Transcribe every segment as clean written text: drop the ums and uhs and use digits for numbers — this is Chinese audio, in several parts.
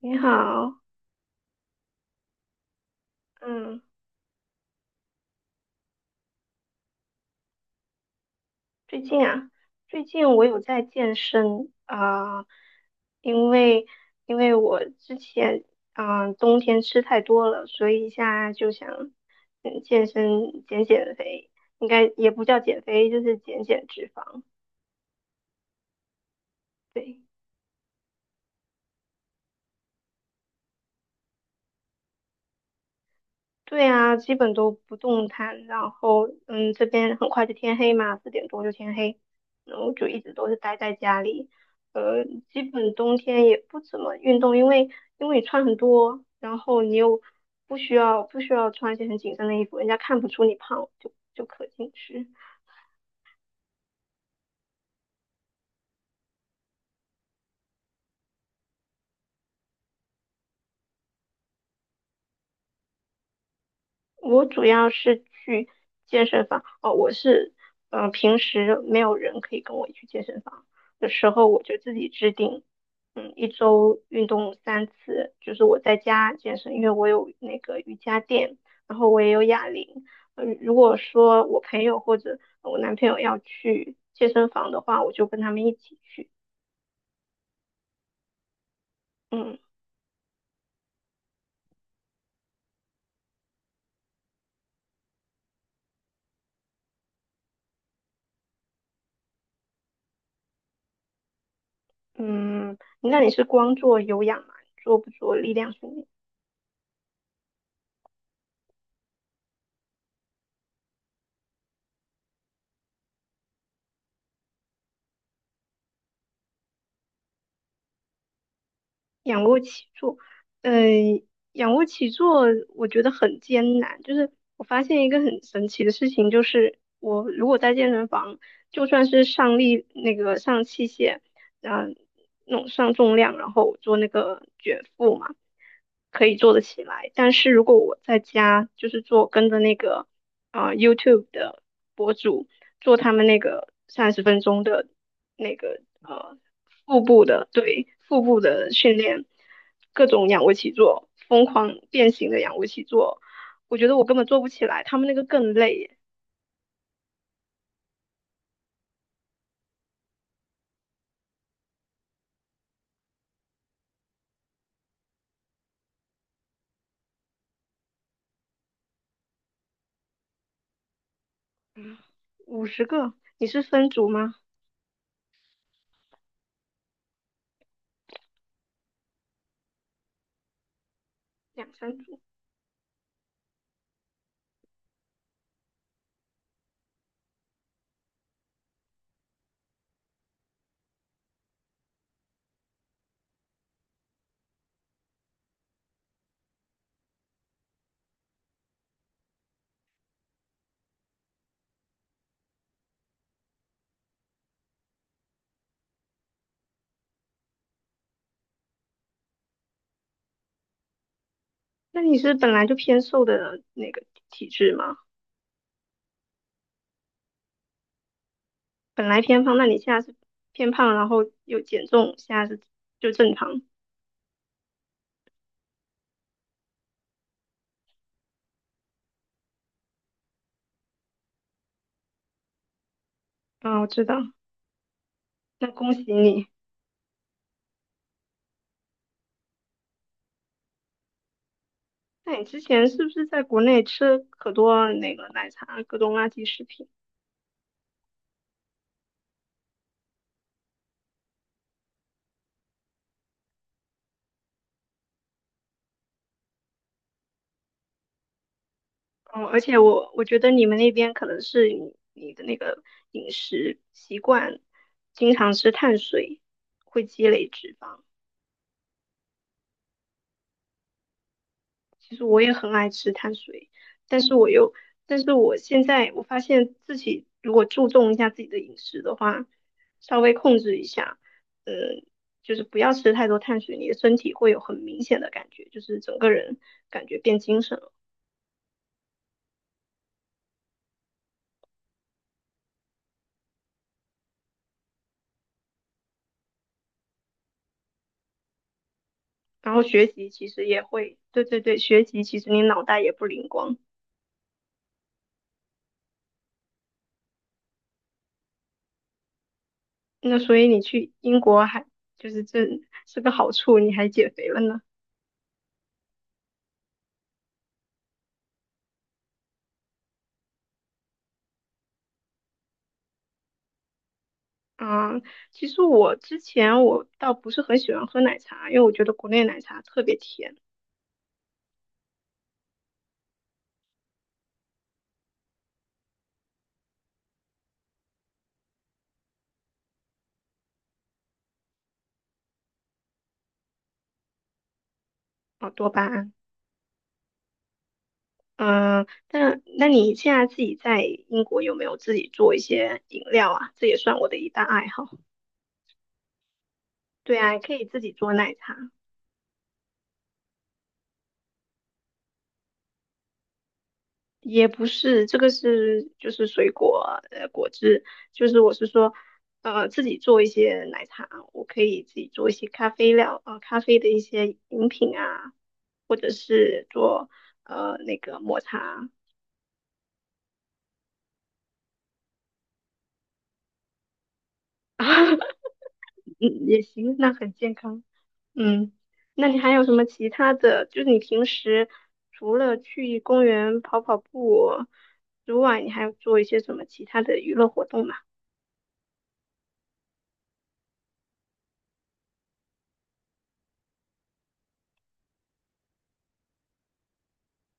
你好，嗯，最近啊，最近我有在健身啊，因为因为我之前啊，冬天吃太多了，所以现在就想健身减减肥，应该也不叫减肥，就是减减脂肪，对。对啊，基本都不动弹，然后这边很快就天黑嘛，4点多就天黑，然后就一直都是待在家里，呃，基本冬天也不怎么运动，因为你穿很多，然后你又不需要穿一些很紧身的衣服，人家看不出你胖，就可进去。我主要是去健身房哦，我是嗯、呃平时没有人可以跟我一起去健身房的时候，我就自己制定，一周运动3次，就是我在家健身，因为我有那个瑜伽垫，然后我也有哑铃。如果说我朋友或者我男朋友要去健身房的话，我就跟他们一起去。嗯嗯，那你是光做有氧吗？做不做力量训练？仰卧起坐，嗯、仰卧起坐我觉得很艰难。就是我发现一个很神奇的事情，就是我如果在健身房，就算是上器械，嗯、那种上重量，然后做那个卷腹嘛，可以做得起来。但是如果我在家就是做跟着那个YouTube 的博主做他们那个30分钟的那个呃腹部的对腹部的训练，各种仰卧起坐，疯狂变形的仰卧起坐，我觉得我根本做不起来，他们那个更累，50个，你是分组吗？两三组？那你是本来就偏瘦的那个体质吗？本来偏胖，那你现在是偏胖，然后又减重，现在是就正常。啊，我知道，那恭喜你。那你之前是不是在国内吃可多那个奶茶、各种垃圾食品？哦，而且我觉得你们那边可能是你的那个饮食习惯，经常吃碳水，会积累脂肪。其实我也很爱吃碳水，但是我又，但是我现在我发现自己如果注重一下自己的饮食的话，稍微控制一下，嗯，就是不要吃太多碳水，你的身体会有很明显的感觉，就是整个人感觉变精神了。然后学习其实也会，对对对，学习其实你脑袋也不灵光，那所以你去英国还就是这是个好处，你还减肥了呢。嗯，其实我之前我倒不是很喜欢喝奶茶，因为我觉得国内奶茶特别甜啊，多巴胺。嗯，但那你现在自己在英国有没有自己做一些饮料啊？这也算我的一大爱好。对啊，可以自己做奶茶，也不是这个是就是水果果汁，就是我是说自己做一些奶茶，我可以自己做一些咖啡料啊、咖啡的一些饮品啊。或者是做那个抹茶，嗯也行，那很健康。嗯，那你还有什么其他的？就是你平时除了去公园跑跑步之外，你还有做一些什么其他的娱乐活动吗？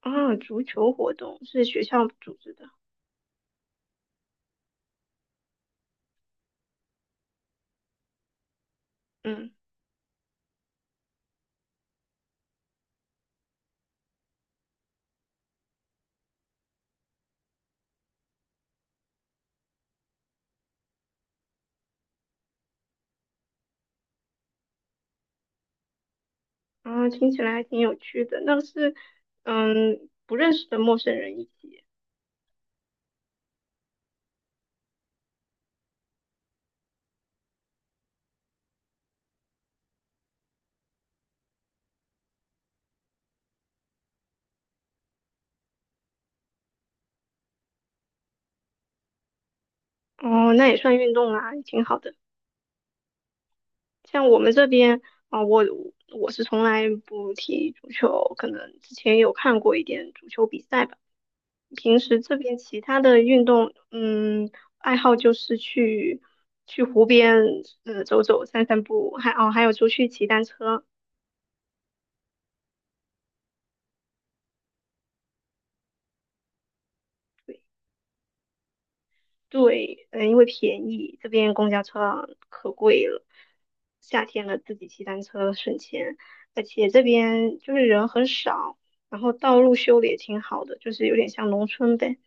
啊，足球活动是学校组织的。嗯，啊，听起来还挺有趣的。那是不认识的陌生人一起，哦，那也算运动啊，也挺好的。像我们这边啊、我我是从来不踢足球，可能之前有看过一点足球比赛吧。平时这边其他的运动，爱好就是去湖边，走走、散散步，还有出去骑单车。对。对，因为便宜，这边公交车啊可贵了。夏天了，自己骑单车省钱，而且这边就是人很少，然后道路修的也挺好的，就是有点像农村呗。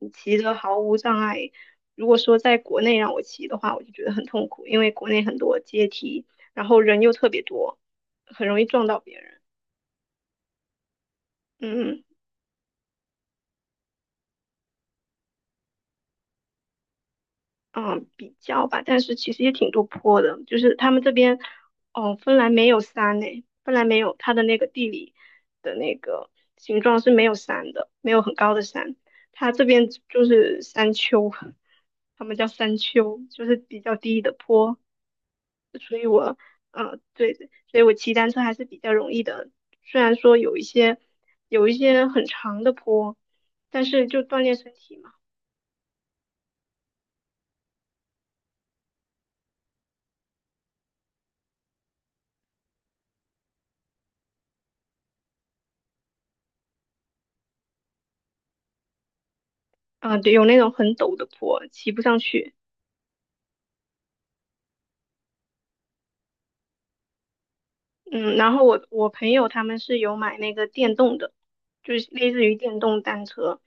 嗯，骑着毫无障碍。如果说在国内让我骑的话，我就觉得很痛苦，因为国内很多阶梯，然后人又特别多，很容易撞到别人。嗯。嗯比较吧，但是其实也挺多坡的，就是他们这边，哦，芬兰没有山呢，芬兰没有它的那个地理的那个形状是没有山的，没有很高的山，它这边就是山丘，他们叫山丘，就是比较低的坡，嗯，对对，所以我骑单车还是比较容易的，虽然说有一些很长的坡，但是就锻炼身体嘛，嗯，对，有那种很陡的坡，骑不上去。嗯，然后我朋友他们是有买那个电动的，就是类似于电动单车，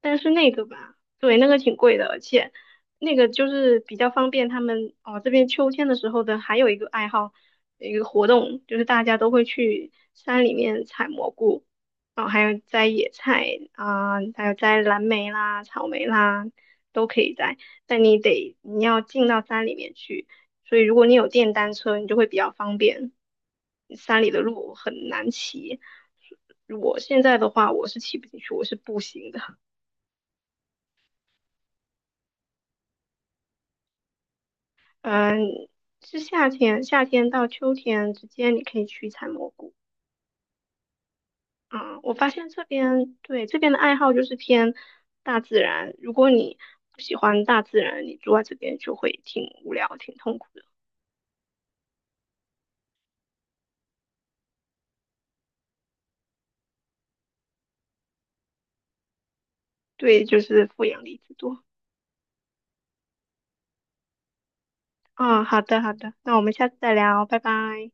但是那个吧，对，那个挺贵的，而且那个就是比较方便他们哦，这边秋天的时候的还有一个爱好，一个活动就是大家都会去山里面采蘑菇，然后还有摘野菜啊，还有摘蓝莓啦、草莓啦，都可以摘，但你要进到山里面去。所以如果你有电单车，你就会比较方便。山里的路很难骑，我现在的话我是骑不进去，我是步行的。嗯，是夏天，夏天到秋天之间，你可以去采蘑菇。嗯，我发现这边对这边的爱好就是偏大自然。如果你不喜欢大自然，你住在这边就会挺无聊、挺痛苦的。对，就是负氧离子多。嗯，好的，好的，那我们下次再聊，拜拜。